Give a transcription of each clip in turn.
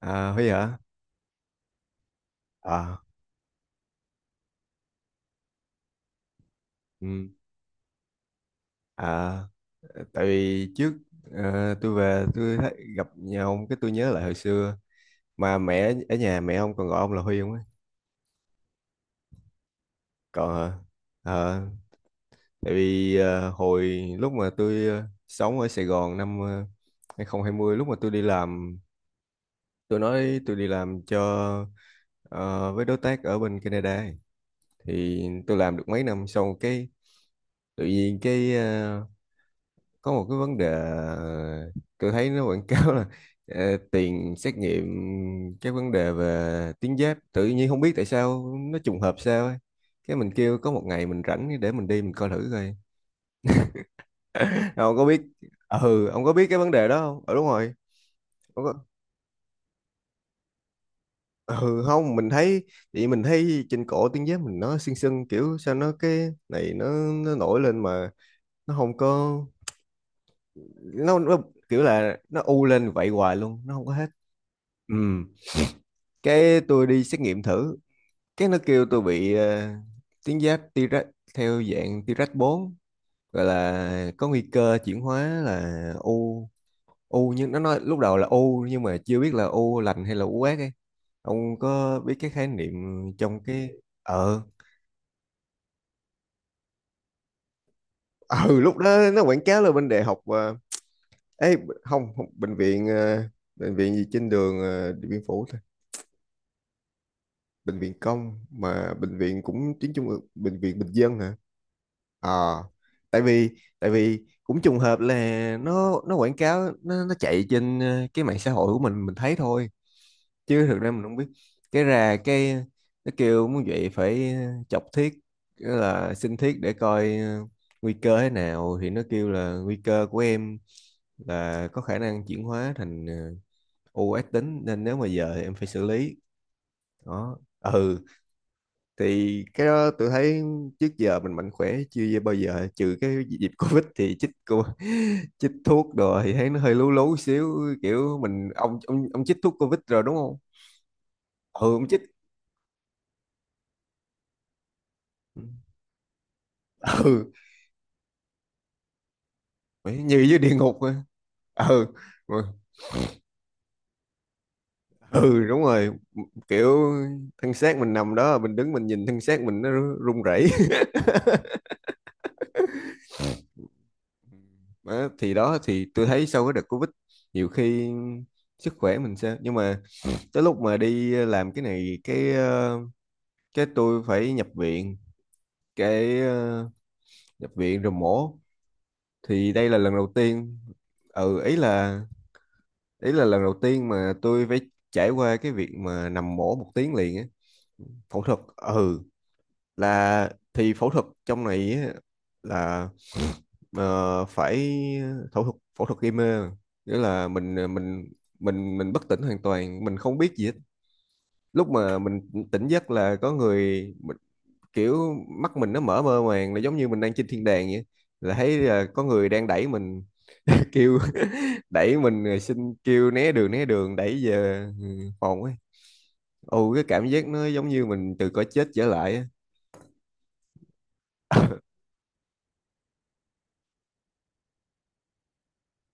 À, Huy hả? À. Ừ. À, tại vì trước tôi về tôi thấy, gặp nhà ông cái tôi nhớ lại hồi xưa mà mẹ ở nhà mẹ ông còn gọi ông là Huy không ấy? Còn hả? Ờ, tại vì hồi lúc mà tôi sống ở Sài Gòn năm 2020, lúc mà tôi đi làm, tôi nói tôi đi làm cho ờ, với đối tác ở bên Canada ấy. Thì tôi làm được mấy năm sau, cái tự nhiên cái có một cái vấn đề, tôi thấy nó quảng cáo là tiền xét nghiệm cái vấn đề về tiếng Giáp tự nhiên không biết tại sao nó trùng hợp sao ấy, cái mình kêu có một ngày mình rảnh để mình đi mình coi thử coi. Ông có biết ừ, ông có biết cái vấn đề đó không? Ừ, đúng rồi. Ông có... ờ, ừ, không, mình thấy, thì mình thấy trên cổ tiếng Giáp mình nó sưng sưng kiểu sao, nó cái này nó nổi lên mà nó không có, nó kiểu là nó u lên vậy hoài luôn, nó không có hết. Ừ, cái tôi đi xét nghiệm thử, cái nó kêu tôi bị tuyến giáp T-rex, theo dạng T-rex bốn, gọi là có nguy cơ chuyển hóa là u, u nhưng nó nói lúc đầu là u nhưng mà chưa biết là u lành hay là u ác ấy. Ông có biết cái khái niệm trong cái ờ ừ, lúc đó nó quảng cáo là bên đại học ấy, không, bệnh viện bệnh viện gì trên đường Điện Biên Phủ thôi. Bệnh viện công, mà bệnh viện cũng tuyến trung ương, bệnh viện bình dân hả? Ờ, tại vì tại vì cũng trùng hợp là nó quảng cáo nó chạy trên cái mạng xã hội của mình thấy thôi, chứ thực ra mình không biết. Cái ra cái nó kêu muốn vậy phải chọc thiết, nghĩa là xin thiết để coi nguy cơ thế nào, thì nó kêu là nguy cơ của em là có khả năng chuyển hóa thành u ác tính, nên nếu mà giờ thì em phải xử lý đó. Ừ, thì cái đó tôi thấy trước giờ mình mạnh khỏe chưa bao giờ, trừ cái dịp Covid thì chích cô chích thuốc rồi thì thấy nó hơi lú lú xíu, kiểu mình, ông chích thuốc Covid rồi đúng không? Ừ, ông chích. Ừ, phải như dưới địa ngục á. Ừ ừ. Ừ, đúng rồi. Kiểu thân xác mình nằm đó, mình đứng mình nhìn thân xác mình nó run rẩy. Đó thì tôi thấy sau cái đợt Covid nhiều khi sức khỏe mình sẽ, nhưng mà tới lúc mà đi làm cái này cái cái tôi phải nhập viện, cái nhập viện rồi mổ, thì đây là lần đầu tiên. Ừ, ý là lần đầu tiên mà tôi phải trải qua cái việc mà nằm mổ một tiếng liền á. Phẫu thuật, ừ, là thì phẫu thuật trong này á, là phải, phẫu thuật gây mê, nghĩa là mình mình bất tỉnh hoàn toàn, mình không biết gì hết. Lúc mà mình tỉnh giấc là có người mình, kiểu mắt mình nó mở mơ màng, là giống như mình đang trên thiên đàng vậy, là thấy là có người đang đẩy mình kêu đẩy mình rồi xin kêu né đường đẩy về phòng ấy. Ồ, cái cảm giác nó giống như mình từ cõi chết trở lại á.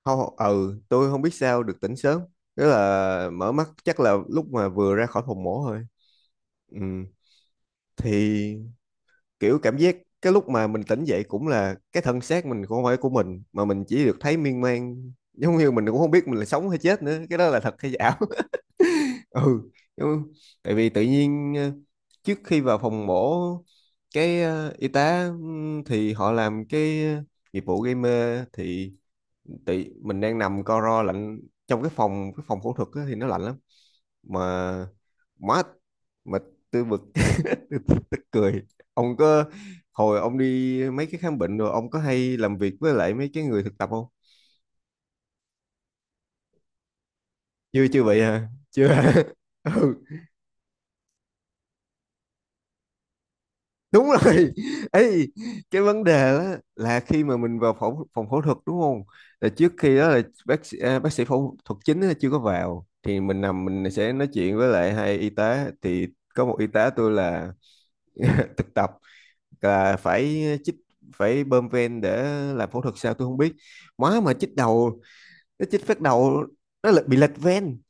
Không, ừ tôi không biết sao được tỉnh sớm, tức là mở mắt chắc là lúc mà vừa ra khỏi phòng mổ thôi. Ừ. Thì kiểu cảm giác cái lúc mà mình tỉnh dậy cũng là cái thân xác mình cũng không phải của mình, mà mình chỉ được thấy miên man giống như mình cũng không biết mình là sống hay chết nữa, cái đó là thật hay ảo. Ừ. Giống- tại vì tự nhiên trước khi vào phòng mổ cái y tá thì họ làm cái nghiệp vụ gây mê, thì tự mình đang nằm co ro lạnh trong cái phòng phẫu thuật á thì nó lạnh lắm mà, má mà tôi bực tôi cười. Ông có, hồi ông đi mấy cái khám bệnh rồi, ông có hay làm việc với lại mấy cái người thực tập không? Chưa chưa vậy hả, chưa hả? Ừ, đúng rồi. Ấy, cái vấn đề đó là khi mà mình vào phòng phòng phẫu thuật đúng không, là trước khi đó là bác sĩ, à, bác sĩ phẫu thuật chính á chưa có vào, thì mình nằm mình sẽ nói chuyện với lại hai y tá. Thì có một y tá tôi là thực tập, là phải chích, phải bơm ven để làm phẫu thuật sao tôi không biết, má mà chích đầu, nó chích phát đầu nó lại bị lệch ven.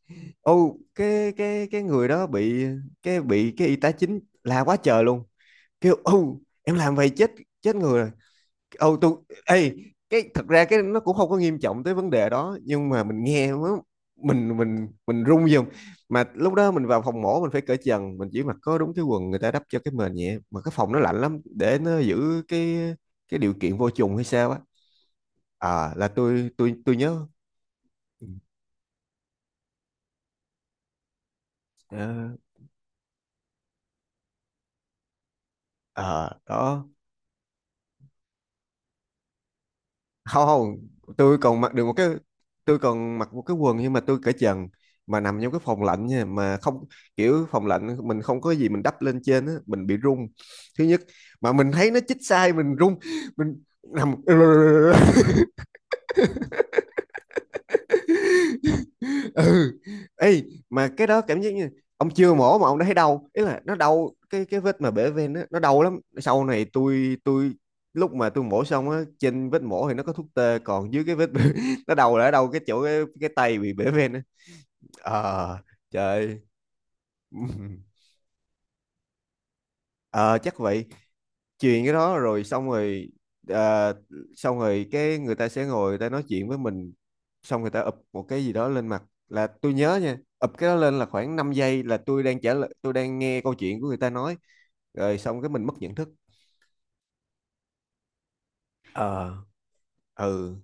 Ô, cái cái người đó bị, cái bị cái y tá chính la quá trời luôn, kêu ô em làm vậy chết, chết người rồi. Ô tôi, ê, cái thật ra cái nó cũng không có nghiêm trọng tới vấn đề đó, nhưng mà mình nghe nó, mình run dùng. Mà lúc đó mình vào phòng mổ mình phải cởi trần, mình chỉ mặc có đúng cái quần, người ta đắp cho cái mền nhẹ, mà cái phòng nó lạnh lắm để nó giữ cái điều kiện vô trùng hay sao á. À, là tôi nhớ. Ừ, ờ, à, đó. Không, không, tôi còn mặc được một cái, tôi còn mặc một cái quần nhưng mà tôi cởi trần, mà nằm trong cái phòng lạnh nha, mà không, kiểu phòng lạnh mình không có gì mình đắp lên trên á, mình bị run thứ nhất, mà mình thấy nó chích sai mình run, mình nằm. Ừ, ê, mà cái đó cảm giác như ông chưa mổ mà ông đã thấy đau, ý là nó đau cái vết mà bể ven á, nó đau lắm. Sau này tôi lúc mà tôi mổ xong á, trên vết mổ thì nó có thuốc tê, còn dưới cái vết nó đầu là ở đâu cái chỗ cái tay bị bể ven á. Ờ, trời. Ờ, chắc vậy. Truyền cái đó rồi xong rồi ờ, xong rồi cái người ta sẽ ngồi người ta nói chuyện với mình, xong người ta ụp một cái gì đó lên mặt. Là tôi nhớ nha, ụp cái đó lên là khoảng 5 giây là tôi đang trả lời, tôi đang nghe câu chuyện của người ta nói, rồi xong cái mình mất nhận thức. Ờ, ừ,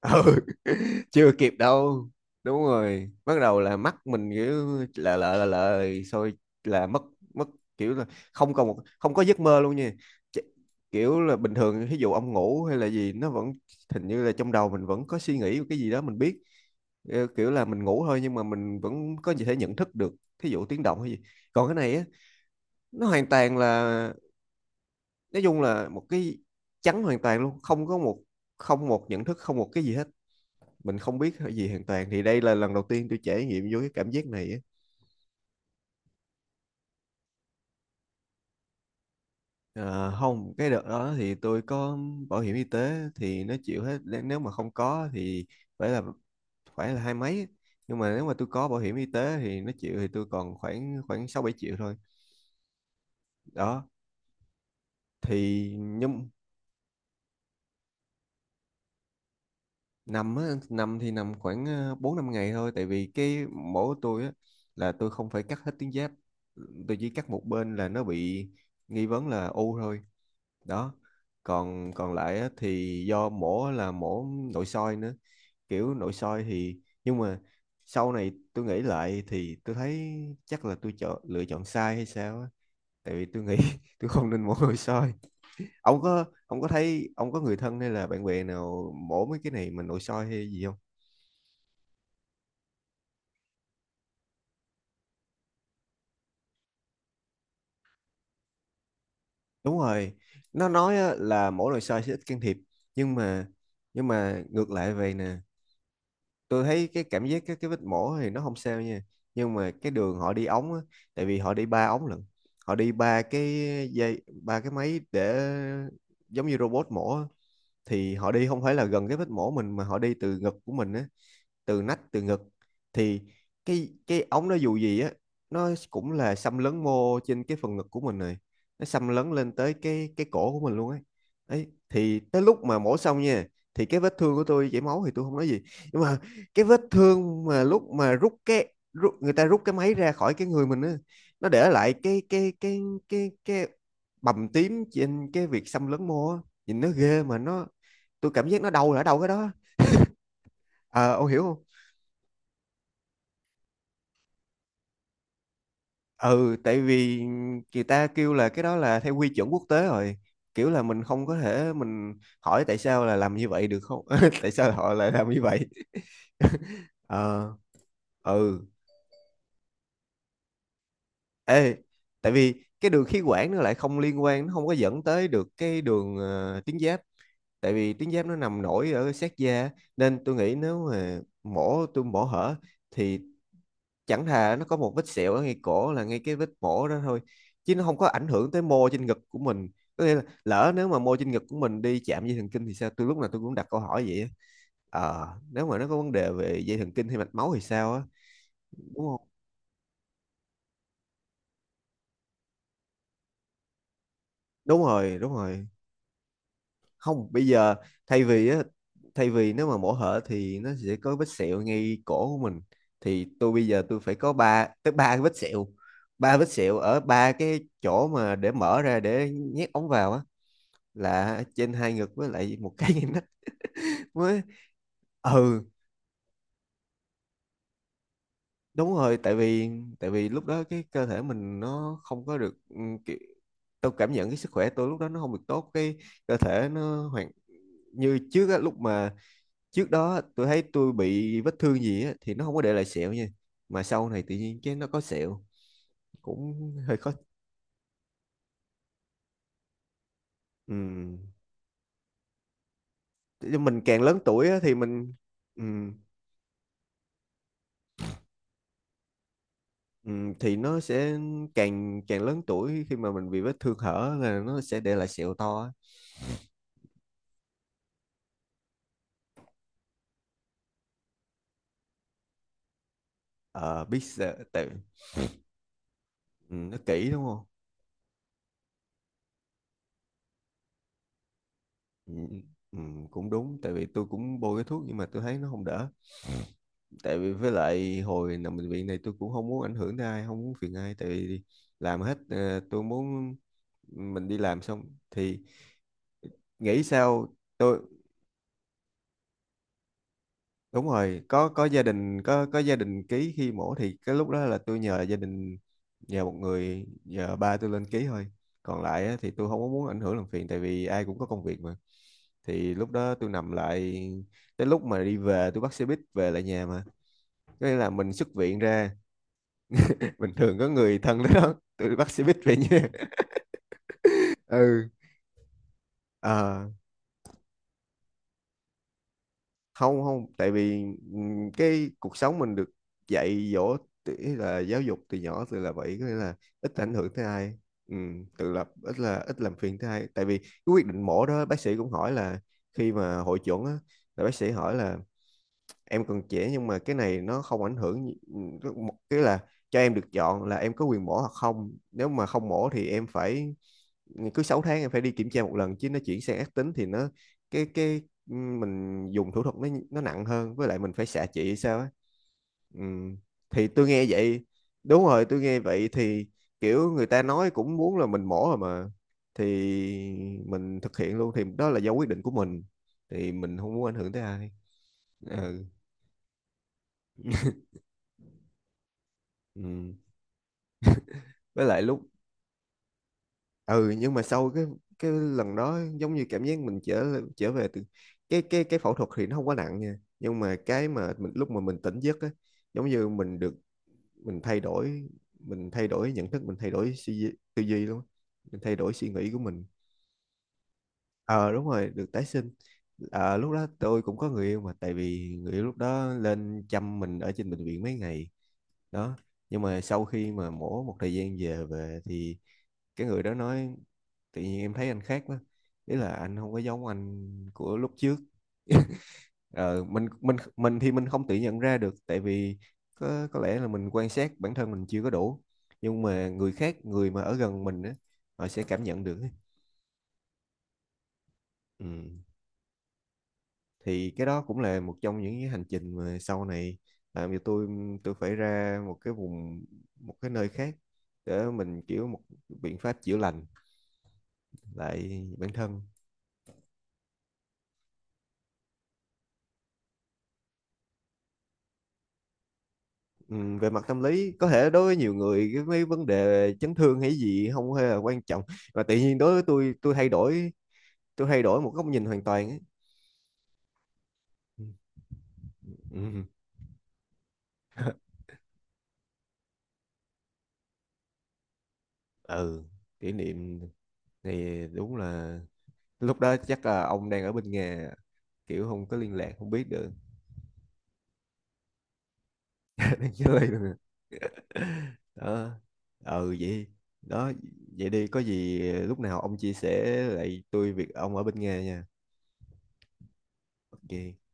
ừ. Chưa kịp đâu, đúng rồi, bắt đầu là mắt mình kiểu là lợ rồi là mất, mất, kiểu là không còn một, không có giấc mơ luôn nha. Ch- kiểu là bình thường ví dụ ông ngủ hay là gì nó vẫn hình như là trong đầu mình vẫn có suy nghĩ cái gì đó mình biết. Ờ, kiểu là mình ngủ thôi nhưng mà mình vẫn có thể nhận thức được, thí dụ tiếng động hay gì. Còn cái này á, nó hoàn toàn là, nói chung là một cái trắng hoàn toàn luôn, không có một, không một nhận thức, không một cái gì hết, mình không biết cái gì hoàn toàn. Thì đây là lần đầu tiên tôi trải nghiệm vô cái cảm giác này á. Ờ, không cái đợt đó thì tôi có bảo hiểm y tế thì nó chịu hết. Nếu nếu mà không có thì phải là phải là hai mấy, nhưng mà nếu mà tôi có bảo hiểm y tế thì nó chịu thì tôi còn khoảng khoảng 6-7 triệu thôi đó. Thì nhưng Nằm á, nằm thì nằm khoảng 4-5 ngày thôi, tại vì cái mổ của tôi á là tôi không phải cắt hết tuyến giáp, tôi chỉ cắt một bên là nó bị nghi vấn là u thôi đó. Còn còn lại á, thì do mổ là mổ nội soi nữa, kiểu nội soi. Thì nhưng mà sau này tôi nghĩ lại thì tôi thấy chắc là tôi chọn lựa chọn sai hay sao á, tại vì tôi nghĩ tôi không nên mổ nội soi. Ông có thấy ông có người thân hay là bạn bè nào mổ mấy cái này mà nội soi hay gì không? Đúng rồi, nó nói á là mổ nội soi sẽ ít can thiệp, nhưng mà nhưng mà ngược lại vậy nè. Tôi thấy cái cảm giác cái vết mổ thì nó không sao nha, nhưng mà cái đường họ đi ống á, tại vì họ đi ba ống lận, họ đi ba cái dây, ba cái máy để giống như robot mổ á. Thì họ đi không phải là gần cái vết mổ mình mà họ đi từ ngực của mình á, từ nách, từ ngực. Thì cái ống nó dù gì á, nó cũng là xâm lấn mô trên cái phần ngực của mình này, nó xâm lấn lên tới cái cổ của mình luôn ấy. Ấy thì tới lúc mà mổ xong nha, thì cái vết thương của tôi chảy máu thì tôi không nói gì, nhưng mà cái vết thương mà lúc mà người ta rút cái máy ra khỏi cái người mình á, nó để lại cái bầm tím trên cái việc xâm lấn mô á. Nhìn nó ghê mà nó, tôi cảm giác nó đau là ở đâu cái đó. À, ông hiểu không? Ừ, tại vì người ta kêu là cái đó là theo quy chuẩn quốc tế rồi, kiểu là mình không có thể mình hỏi tại sao là làm như vậy được không tại sao họ lại làm như vậy. Ờ, ừ. Ê, tại vì cái đường khí quản nó lại không liên quan, nó không có dẫn tới được cái đường tuyến giáp, tại vì tuyến giáp nó nằm nổi ở sát da, nên tôi nghĩ nếu mà mổ hở thì chẳng thà nó có một vết sẹo ở ngay cổ là ngay cái vết mổ đó thôi, chứ nó không có ảnh hưởng tới mô trên ngực của mình. Có nghĩa là lỡ nếu mà mô trên ngực của mình đi chạm dây thần kinh thì sao, tôi lúc nào tôi cũng đặt câu hỏi vậy á. Nếu mà nó có vấn đề về dây thần kinh hay mạch máu thì sao á. Đúng không. Đúng rồi, đúng rồi. Không, bây giờ thay vì á thay vì nếu mà mổ hở thì nó sẽ có vết sẹo ngay cổ của mình, thì tôi bây giờ tôi phải có ba cái vết sẹo, ba vết sẹo ở ba cái chỗ mà để mở ra để nhét ống vào á, là trên hai ngực với lại một cái ngay nách mới. Ừ, đúng rồi, tại vì lúc đó cái cơ thể mình nó không có được kiểu, tôi cảm nhận cái sức khỏe tôi lúc đó nó không được tốt, cái cơ thể nó hoàn như trước á, lúc mà trước đó tôi thấy tôi bị vết thương gì á thì nó không có để lại sẹo nha, mà sau này tự nhiên cái nó có sẹo cũng hơi khó. Ừ. Thế mình càng lớn tuổi á thì mình. Ừ. Ừ, thì nó sẽ càng càng lớn tuổi khi mà mình bị vết thương hở là nó sẽ để lại sẹo to á. Ờ biết sợ- tại. Ừ, nó kỹ đúng không. Ừ, ừ, cũng đúng, tại vì tôi cũng bôi cái thuốc nhưng mà tôi thấy nó không đỡ, tại vì với lại hồi nằm bệnh viện này tôi cũng không muốn ảnh hưởng tới ai, không muốn phiền ai, tại vì làm hết tôi muốn mình đi làm xong thì nghĩ sao tôi. Đúng rồi, có gia đình, có gia đình ký khi mổ thì cái lúc đó là tôi nhờ gia đình, nhờ một người, nhờ ba tôi lên ký thôi, còn lại á, thì tôi không có muốn ảnh hưởng làm phiền, tại vì ai cũng có công việc mà. Thì lúc đó tôi nằm lại, tới lúc mà đi về tôi bắt xe buýt về lại nhà mà, có nghĩa là mình xuất viện ra, bình thường có người thân tới, đó tôi bắt xe buýt về nhà. Ừ. Ờ, không không, tại vì cái cuộc sống mình được dạy dỗ tự- ý là giáo dục từ nhỏ từ là vậy, có nghĩa là ít ảnh hưởng tới ai. Tự lập, ít làm phiền tới ai, tại vì cái quyết định mổ đó bác sĩ cũng hỏi là, khi mà hội chuẩn á, là bác sĩ hỏi là em còn trẻ nhưng mà cái này nó không ảnh hưởng gì- cái là cho em được chọn là em có quyền mổ hoặc không, nếu mà không mổ thì em phải cứ 6 tháng em phải đi kiểm tra một lần, chứ nó chuyển sang ác tính thì nó cái mình dùng thủ thuật nó nặng hơn, với lại mình phải xạ trị sao á. Ừ. Thì tôi nghe vậy, đúng rồi, tôi nghe vậy thì kiểu người ta nói cũng muốn là mình mổ rồi mà, thì mình thực hiện luôn, thì đó là do quyết định của mình, thì mình không muốn ảnh hưởng tới ai. Ừ. Ừ. Với lại lúc, ừ, nhưng mà sau cái lần đó giống như cảm giác mình trở trở về từ cái phẫu thuật thì nó không quá nặng nha, nhưng mà cái mà mình lúc mà mình tỉnh giấc á, giống như mình được, mình thay đổi, mình thay đổi nhận thức, mình thay đổi suy duy- tư duy luôn á, mình thay đổi suy nghĩ của mình. Ờ đúng rồi, được tái sinh. Lúc đó tôi cũng có người yêu mà, tại vì người yêu lúc đó lên chăm mình ở trên bệnh viện mấy ngày đó, nhưng mà sau khi mà mổ một thời gian về về thì cái người đó nói tự nhiên em thấy anh khác quá, ý là anh không có giống anh của lúc trước. Ờ, mình mình thì mình không tự nhận ra được, tại vì có lẽ là mình quan sát bản thân mình chưa có đủ, nhưng mà người khác, người mà ở gần mình á, họ sẽ cảm nhận được ấy. Ừ. Thì cái đó cũng là một trong những cái hành trình mà sau này làm cho tôi phải ra một cái vùng, một cái nơi khác, để mình kiểu một biện pháp chữa lành lại bản thân. Ừ, về mặt tâm lý có thể đối với nhiều người cái mấy vấn đề chấn thương hay gì không hề là quan trọng, mà tự nhiên đối với tôi thay đổi, tôi thay đổi một góc nhìn hoàn toàn ấy. Ừ, ừ ừ, kỷ niệm thì đúng là lúc đó chắc là ông đang ở bên nhà, kiểu không có liên lạc không biết được. Đang chơi được đó. Ừ, vậy đó, vậy đi, có gì lúc nào ông chia sẻ lại tôi việc ông ở bên nhà nha. OK.